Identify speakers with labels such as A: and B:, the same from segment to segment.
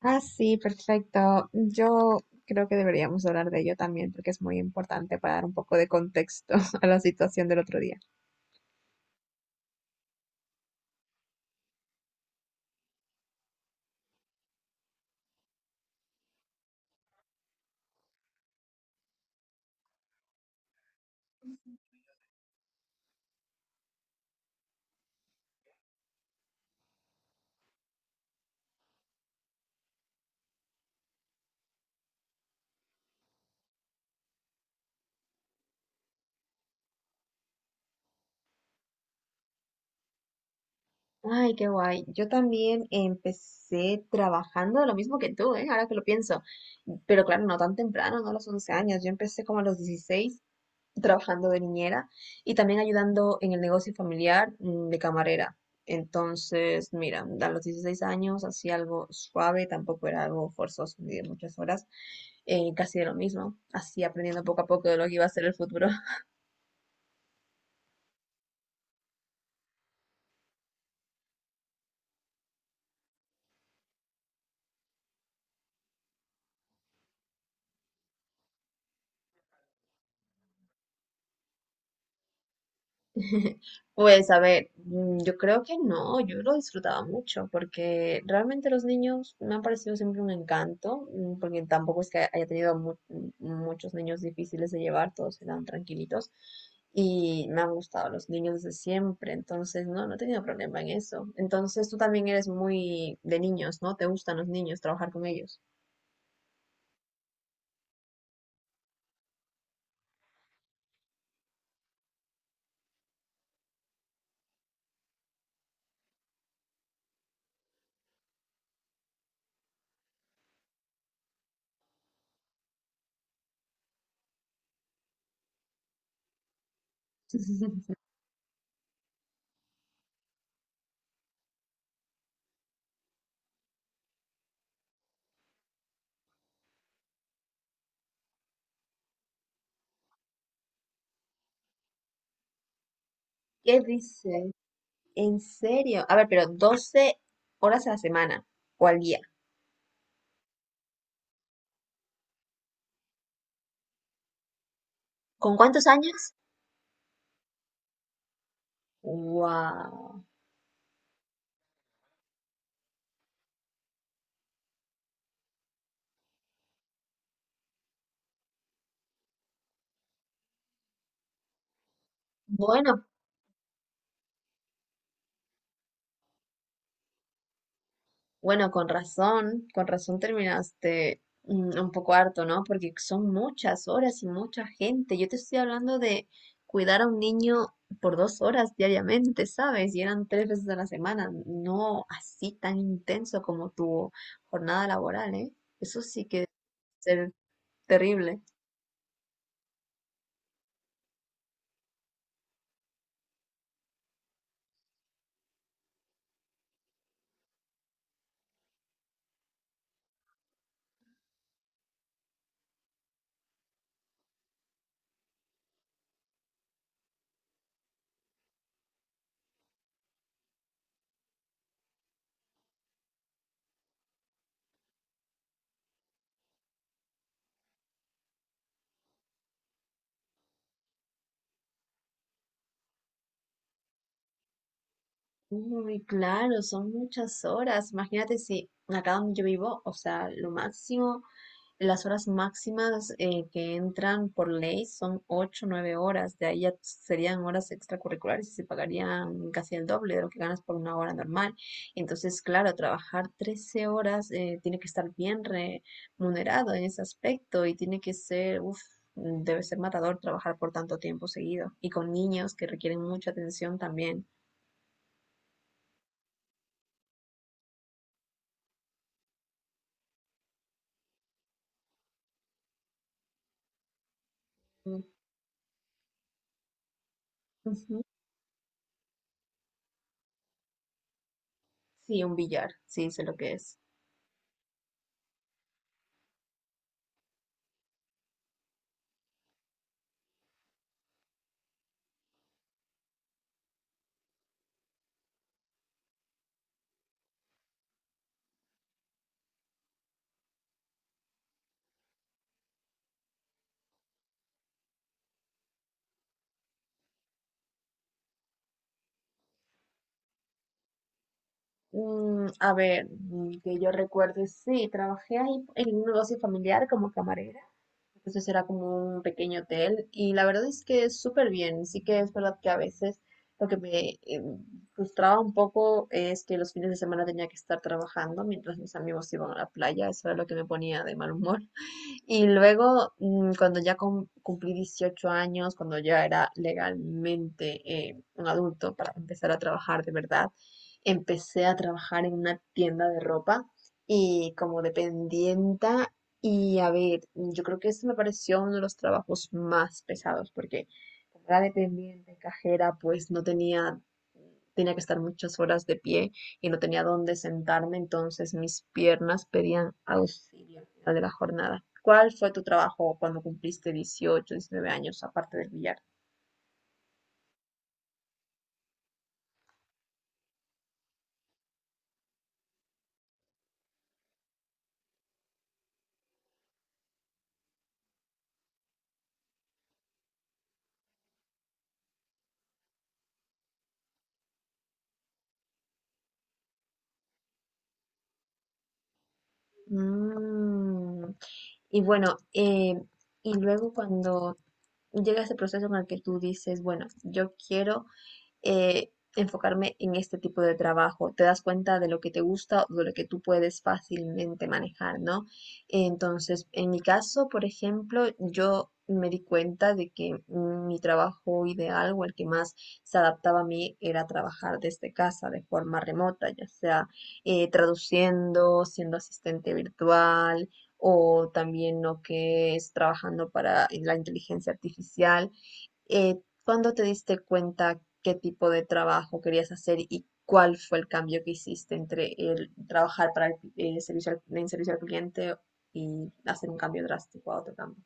A: Ah, sí, perfecto. Yo creo que deberíamos hablar de ello también porque es muy importante para dar un poco de contexto a la situación del otro día. Ay, qué guay. Yo también empecé trabajando lo mismo que tú, ¿eh? Ahora que lo pienso. Pero claro, no tan temprano, no a los 11 años. Yo empecé como a los 16, trabajando de niñera y también ayudando en el negocio familiar de camarera. Entonces, mira, a los 16 años hacía algo suave, tampoco era algo forzoso ni de muchas horas, casi de lo mismo, así aprendiendo poco a poco de lo que iba a ser el futuro. Pues a ver, yo creo que no, yo lo disfrutaba mucho porque realmente los niños me han parecido siempre un encanto, porque tampoco es que haya tenido muchos niños difíciles de llevar, todos eran tranquilitos y me han gustado los niños desde siempre, entonces no, no he tenido problema en eso. Entonces tú también eres muy de niños, ¿no? ¿Te gustan los niños, trabajar con ellos? ¿Qué dices? ¿En serio? A ver, pero 12 horas a la semana o al día. ¿Con cuántos años? Wow. Bueno, bueno, con razón terminaste un poco harto, ¿no? Porque son muchas horas y mucha gente. Yo te estoy hablando de cuidar a un niño por 2 horas diariamente, ¿sabes? Y eran tres veces a la semana, no así tan intenso como tu jornada laboral, ¿eh? Eso sí que debe ser terrible. Uy, claro, son muchas horas. Imagínate si acá donde yo vivo, o sea, lo máximo. Las horas máximas que entran por ley son 8 9 horas, de ahí ya serían horas extracurriculares y se pagarían casi el doble de lo que ganas por una hora normal. Entonces, claro, trabajar 13 horas tiene que estar bien remunerado en ese aspecto y tiene que ser, uff, debe ser matador trabajar por tanto tiempo seguido y con niños que requieren mucha atención también. Mm, ujú. Sí, un billar, sí, sé lo que es. A ver, que yo recuerde, sí, trabajé ahí en un negocio familiar como camarera, entonces era como un pequeño hotel y la verdad es que es súper bien, sí que es verdad que a veces lo que me frustraba un poco es que los fines de semana tenía que estar trabajando mientras mis amigos iban a la playa, eso era lo que me ponía de mal humor. Y luego, cuando ya cumplí 18 años, cuando ya era legalmente un adulto para empezar a trabajar de verdad, empecé a trabajar en una tienda de ropa y como dependienta. Y a ver, yo creo que ese me pareció uno de los trabajos más pesados porque como era dependiente, cajera, pues no tenía, tenía que estar muchas horas de pie y no tenía dónde sentarme, entonces mis piernas pedían auxilio al de la jornada. ¿Cuál fue tu trabajo cuando cumpliste 18 19 años, aparte del billar? Mm, Y bueno, y luego cuando llega ese proceso en el que tú dices, bueno, yo quiero eh, enfocarme en este tipo de trabajo. Te das cuenta de lo que te gusta o de lo que tú puedes fácilmente manejar, ¿no? Entonces, en mi caso, por ejemplo, yo me di cuenta de que mi trabajo ideal o el que más se adaptaba a mí era trabajar desde casa de forma remota, ya sea traduciendo, siendo asistente virtual o también lo que es trabajando para la inteligencia artificial. ¿Cuándo te diste cuenta qué tipo de trabajo querías hacer y cuál fue el cambio que hiciste entre el trabajar para el en servicio al cliente y hacer un cambio drástico a otro cambio?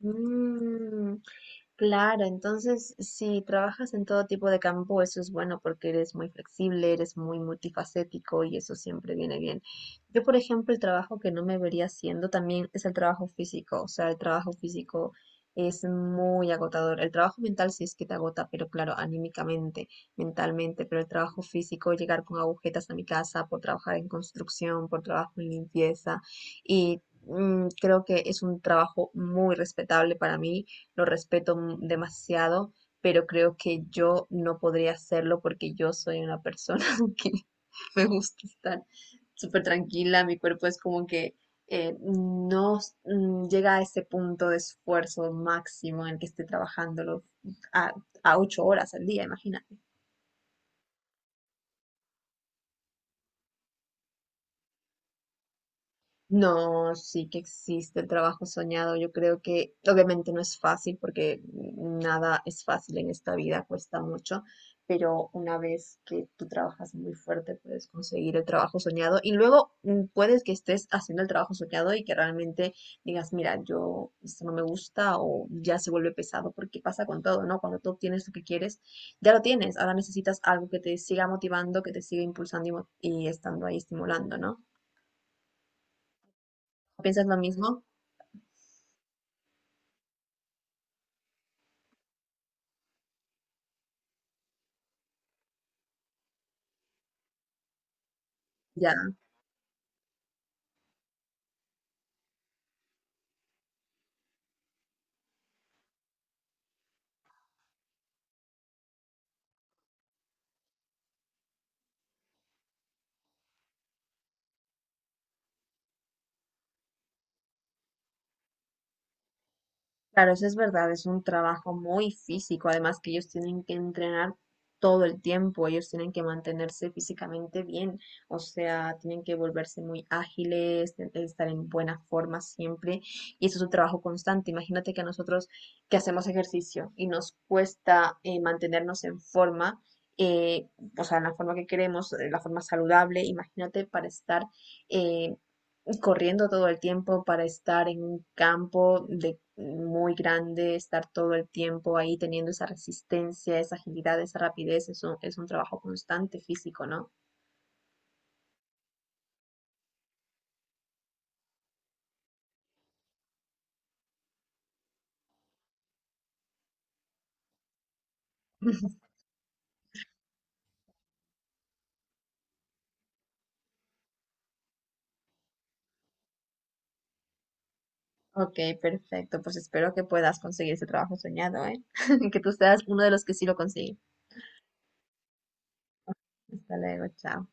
A: Claro, entonces si trabajas en todo tipo de campo, eso es bueno porque eres muy flexible, eres muy multifacético y eso siempre viene bien. Yo, por ejemplo, el trabajo que no me vería haciendo también es el trabajo físico, o sea, el trabajo físico es muy agotador. El trabajo mental sí es que te agota, pero claro, anímicamente, mentalmente, pero el trabajo físico, llegar con agujetas a mi casa por trabajar en construcción, por trabajo en limpieza y... Creo que es un trabajo muy respetable, para mí lo respeto demasiado, pero creo que yo no podría hacerlo porque yo soy una persona que me gusta estar súper tranquila. Mi cuerpo es como que no s- mm, llega a ese punto de esfuerzo máximo en el que esté trabajándolo a, a 8 horas al día, imagínate. No, sí que existe el trabajo soñado. Yo creo que obviamente no es fácil porque nada es fácil en esta vida, cuesta mucho, pero una vez que tú trabajas muy fuerte puedes conseguir el trabajo soñado, y luego puedes que estés haciendo el trabajo soñado y que realmente digas, mira, yo esto no me gusta o ya se vuelve pesado porque pasa con todo, ¿no? Cuando tú obtienes lo que quieres, ya lo tienes, ahora necesitas algo que te siga motivando, que te siga impulsando y estando ahí estimulando, ¿no? ¿Piensas lo mismo? Ya, claro, eso es verdad, es un trabajo muy físico, además que ellos tienen que entrenar todo el tiempo, ellos tienen que mantenerse físicamente bien, o sea, tienen que volverse muy ágiles, estar en buena forma siempre, y eso es un trabajo constante. Imagínate que a nosotros que hacemos ejercicio y nos cuesta mantenernos en forma, eh, o sea, en la forma que queremos, la forma saludable, imagínate para estar eh, corriendo todo el tiempo para estar en un campo de muy grande, estar todo el tiempo ahí teniendo esa resistencia, esa agilidad, esa rapidez, es un trabajo constante físico, ¿no? Ok, perfecto, pues espero que puedas conseguir ese trabajo soñado, ¿eh? que tú seas uno de los que sí lo consigue. Hasta luego, chao.